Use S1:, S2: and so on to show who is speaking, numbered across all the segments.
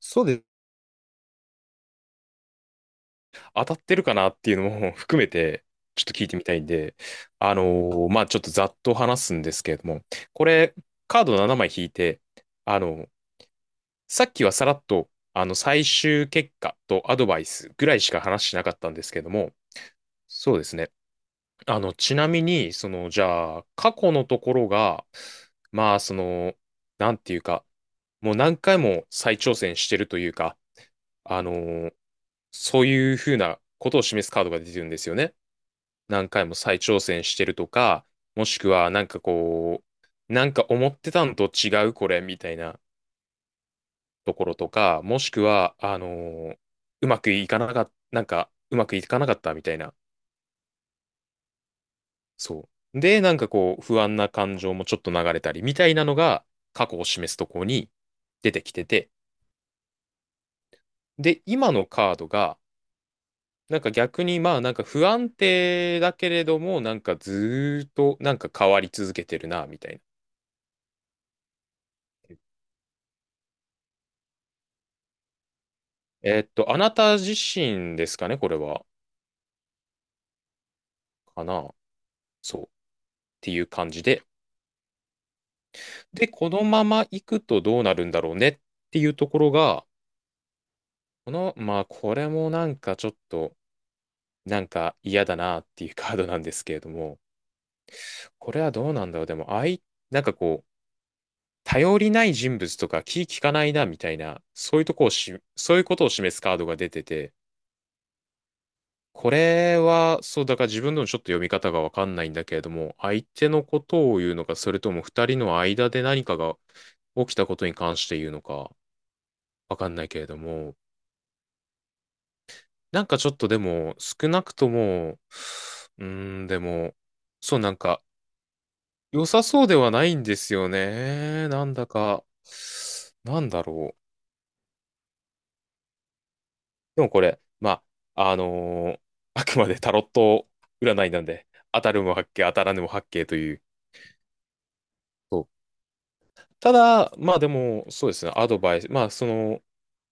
S1: そうです。当たってるかなっていうのも 含めて、ちょっと聞いてみたいんで、あのまあ、ちょっとざっと話すんですけれども、これ、カード7枚引いて、あの、さっきはさらっと、あの、最終結果とアドバイスぐらいしか話しなかったんですけども、そうですね。あの、ちなみに、その、じゃあ、過去のところが、まあ、その、なんていうか、もう何回も再挑戦してるというか、あのーそういうふうなことを示すカードが出てるんですよね。何回も再挑戦してるとか、もしくはなんかこう、なんか思ってたのと違うこれみたいなところとか、もしくは、うまくいかなかった、なんかうまくいかなかったみたいな。そう。で、なんかこう、不安な感情もちょっと流れたりみたいなのが過去を示すところに出てきてて、で、今のカードが、なんか逆にまあなんか不安定だけれどもなんかずーっとなんか変わり続けてるなみたいな。あなた自身ですかね、これは。かな。そう。っていう感じで。で、このまま行くとどうなるんだろうねっていうところが、この、まあこれもなんかちょっとなんか嫌だなっていうカードなんですけれども、これはどうなんだろう。でも、あい、なんかこう、頼りない人物とか気利かないなみたいな、そういうとこをし、そういうことを示すカードが出てて、これは、そう、だから自分でもちょっと読み方がわかんないんだけれども、相手のことを言うのか、それとも二人の間で何かが起きたことに関して言うのか、わかんないけれども、なんかちょっとでも、少なくとも、うーん、でも、そう、なんか、良さそうではないんですよね。なんだか、なんだろう。でもこれ、まあ、あくまでタロット占いなんで、当たるも八卦、当たらぬも八卦という、そうただ、まあでも、そうですね、アドバイス、まあその、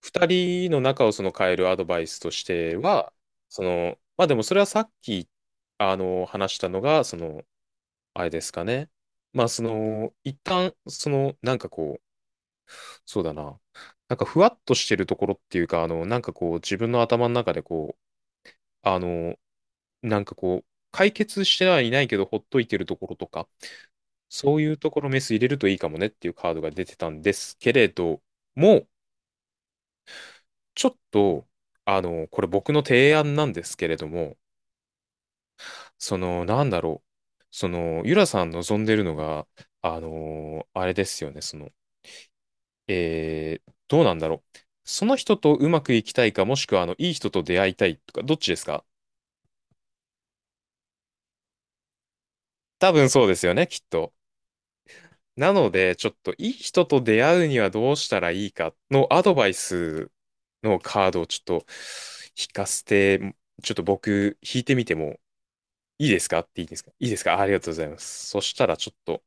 S1: 二人の仲をその変えるアドバイスとしては、その、まあでもそれはさっき、あの、話したのが、その、あれですかね。まあその、一旦、その、なんかこう、そうだな、なんかふわっとしてるところっていうか、あの、なんかこう、自分の頭の中でこう、あの、なんかこう、解決してはいないけど、ほっといてるところとか、そういうところメス入れるといいかもねっていうカードが出てたんですけれども、ちょっと、あの、これ僕の提案なんですけれども、その、なんだろう。その、ゆらさん望んでるのが、あの、あれですよね、その、えー、どうなんだろう。その人とうまくいきたいか、もしくは、あの、いい人と出会いたいとか、どっちですか、多分そうですよね、きっと。なので、ちょっと、いい人と出会うにはどうしたらいいかのアドバイスのカードをちょっと引かせて、ちょっと僕、引いてみてもいいですかっていいですかいいですか、ありがとうございます。そしたらちょっと、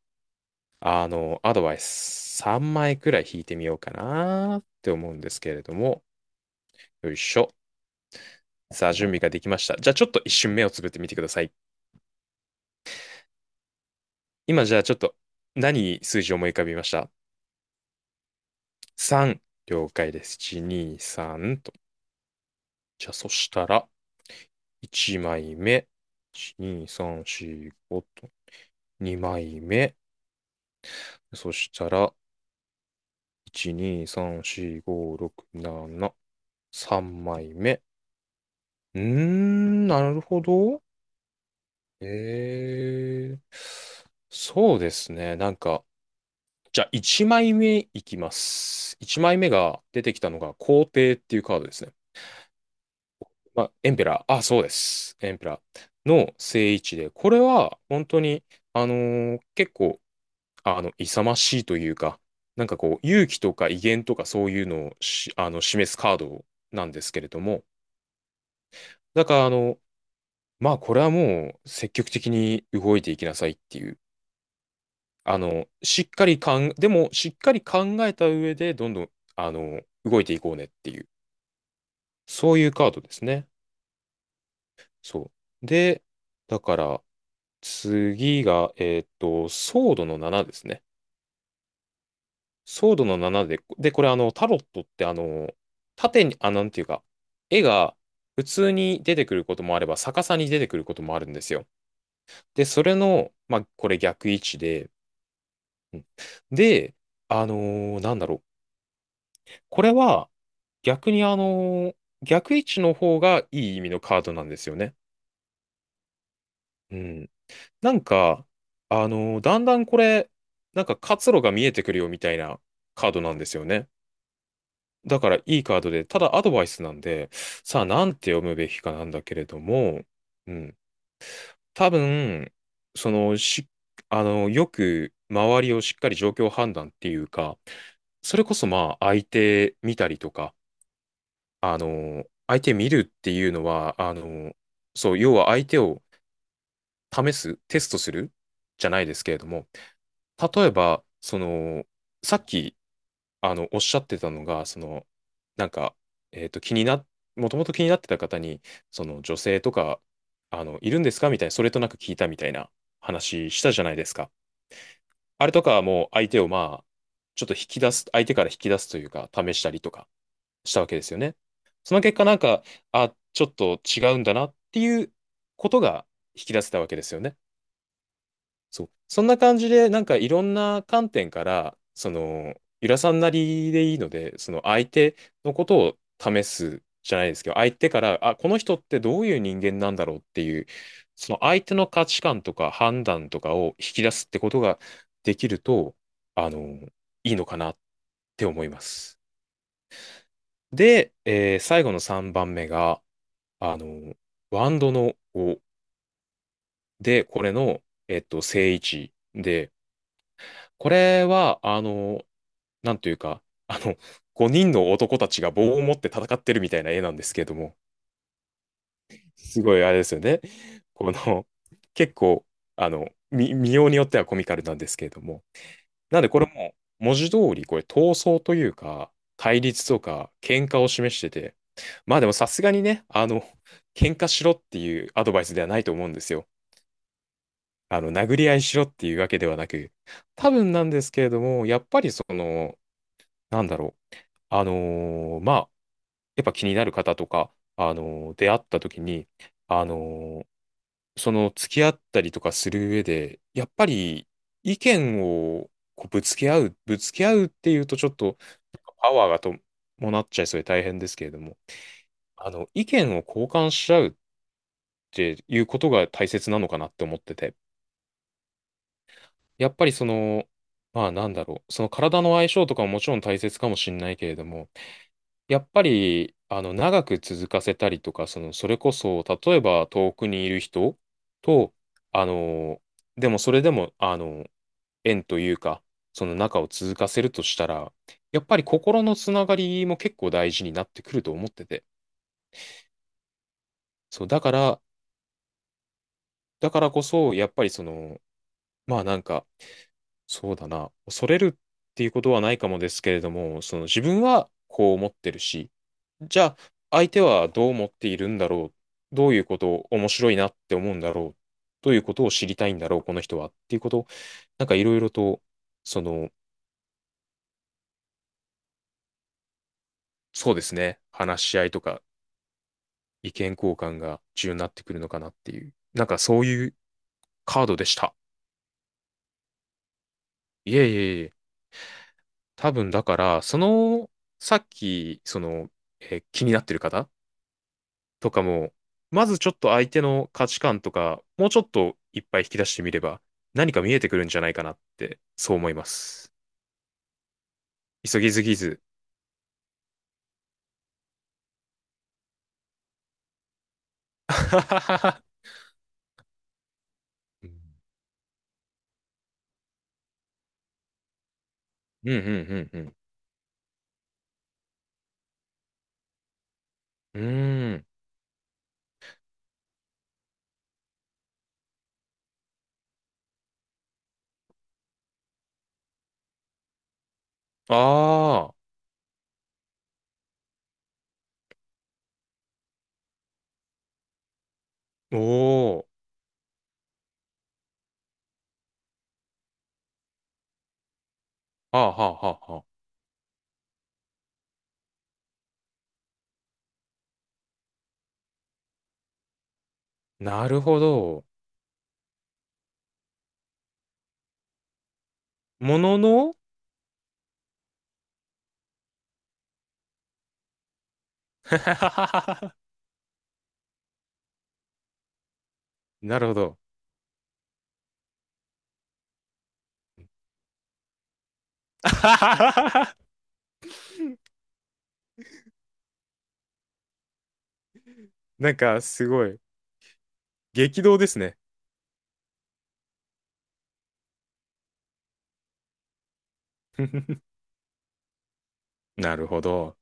S1: あの、アドバイス3枚くらい引いてみようかなって思うんですけれども、よいしょ。さあ、準備ができました。じゃあちょっと一瞬目をつぶってみてください。今じゃあちょっと何数字を思い浮かびました？ 3。了解です。1、2、3と。じゃあそしたら、1枚目。1、2、3、4、5と。2枚目。そしたら、1、2、3、4、5、6、7。3枚目。うーん、なるほど。ええ。そうですね。なんか、じゃあ1枚目いめいきます。1枚目が出てきたのが皇帝っていうカードですね。まあ、エンペラー。あ、そうです。エンペラーの正位置で、これは本当に、結構、あの、勇ましいというか、なんかこう、勇気とか威厳とかそういうのをし、あの、示すカードなんですけれども、だから、あの、まあ、これはもう積極的に動いていきなさいっていう。あの、しっかりかん、でも、しっかり考えた上で、どんどん、あの、動いていこうねっていう、そういうカードですね。そう。で、だから、次が、ソードの7ですね。ソードの7で、で、これ、あの、タロットって、あの、縦に、あ、なんていうか、絵が普通に出てくることもあれば、逆さに出てくることもあるんですよ。で、それの、まあ、これ逆位置で、うん、で、なんだろう。これは逆に逆位置の方がいい意味のカードなんですよね。うん。なんか、だんだんこれ、なんか活路が見えてくるよみたいなカードなんですよね。だからいいカードで、ただアドバイスなんで、さあなんて読むべきかなんだけれども、うん。多分、その、し、あのよく周りをしっかり状況判断っていうか、それこそまあ相手見たりとか、あの、相手見るっていうのは、あの、そう、要は相手を試す、テストするじゃないですけれども、例えば、その、さっき、あの、おっしゃってたのが、その、なんか、えっと、気にな、もともと気になってた方に、その、女性とか、あの、いるんですかみたいな、それとなく聞いたみたいな話したじゃないですか。あれとかはもう相手を、まあ、ちょっと引き出す、相手から引き出すというか、試したりとかしたわけですよね。その結果なんか、あ、ちょっと違うんだなっていうことが引き出せたわけですよね。そう。そんな感じで、なんかいろんな観点から、その、ゆらさんなりでいいので、その相手のことを試すじゃないですけど、相手から、あ、この人ってどういう人間なんだろうっていう、その相手の価値観とか判断とかを引き出すってことができると、あの、いいのかなって思います。で、えー最後の3番目が、あの、ワンドの5で、これの、えっと、正位置で、これは、あの、なんというか、あの、5人の男たちが棒を持って戦ってるみたいな絵なんですけれども、すごいあれですよね。この、結構、あの、み見ようによってはコミカルなんですけれども。なんで、これも、文字通り、これ、闘争というか、対立とか、喧嘩を示してて、まあでもさすがにね、あの、喧嘩しろっていうアドバイスではないと思うんですよ。あの、殴り合いしろっていうわけではなく、多分なんですけれども、やっぱりその、なんだろう、まあ、やっぱ気になる方とか、出会った時に、あのーその付き合ったりとかする上で、やっぱり意見をこうぶつけ合うっていうとちょっとパワーがと伴っちゃいそうで大変ですけれども、あの、意見を交換し合うっていうことが大切なのかなって思ってて。やっぱりその、まあなんだろう、その体の相性とかももちろん大切かもしれないけれども、やっぱり、あの、長く続かせたりとか、その、それこそ、例えば遠くにいる人と、あの、でもそれでも、あの、縁というか、その仲を続かせるとしたら、やっぱり心のつながりも結構大事になってくると思ってて、そう、だから、だからこそ、やっぱりその、まあなんか、そうだな。恐れるっていうことはないかもですけれども、その自分はこう思ってるし、じゃあ相手はどう思っているんだろう。どういうことを面白いなって思うんだろう。どういうことを知りたいんだろう、この人は。っていうことを、なんかいろいろと、その、そうですね。話し合いとか意見交換が重要になってくるのかなっていう。なんかそういうカードでした。いえいえいえ。多分だから、その、さっき、その、えー気になってる方とかも、まずちょっと相手の価値観とか、もうちょっといっぱい引き出してみれば、何か見えてくるんじゃないかなって、そう思います。急ぎすぎず。うんうんうんうん。うーん。ああ、おお。はあはあはあはあ。なるほど。ものの なるほど。なんか、すごい。激動ですね。なるほど。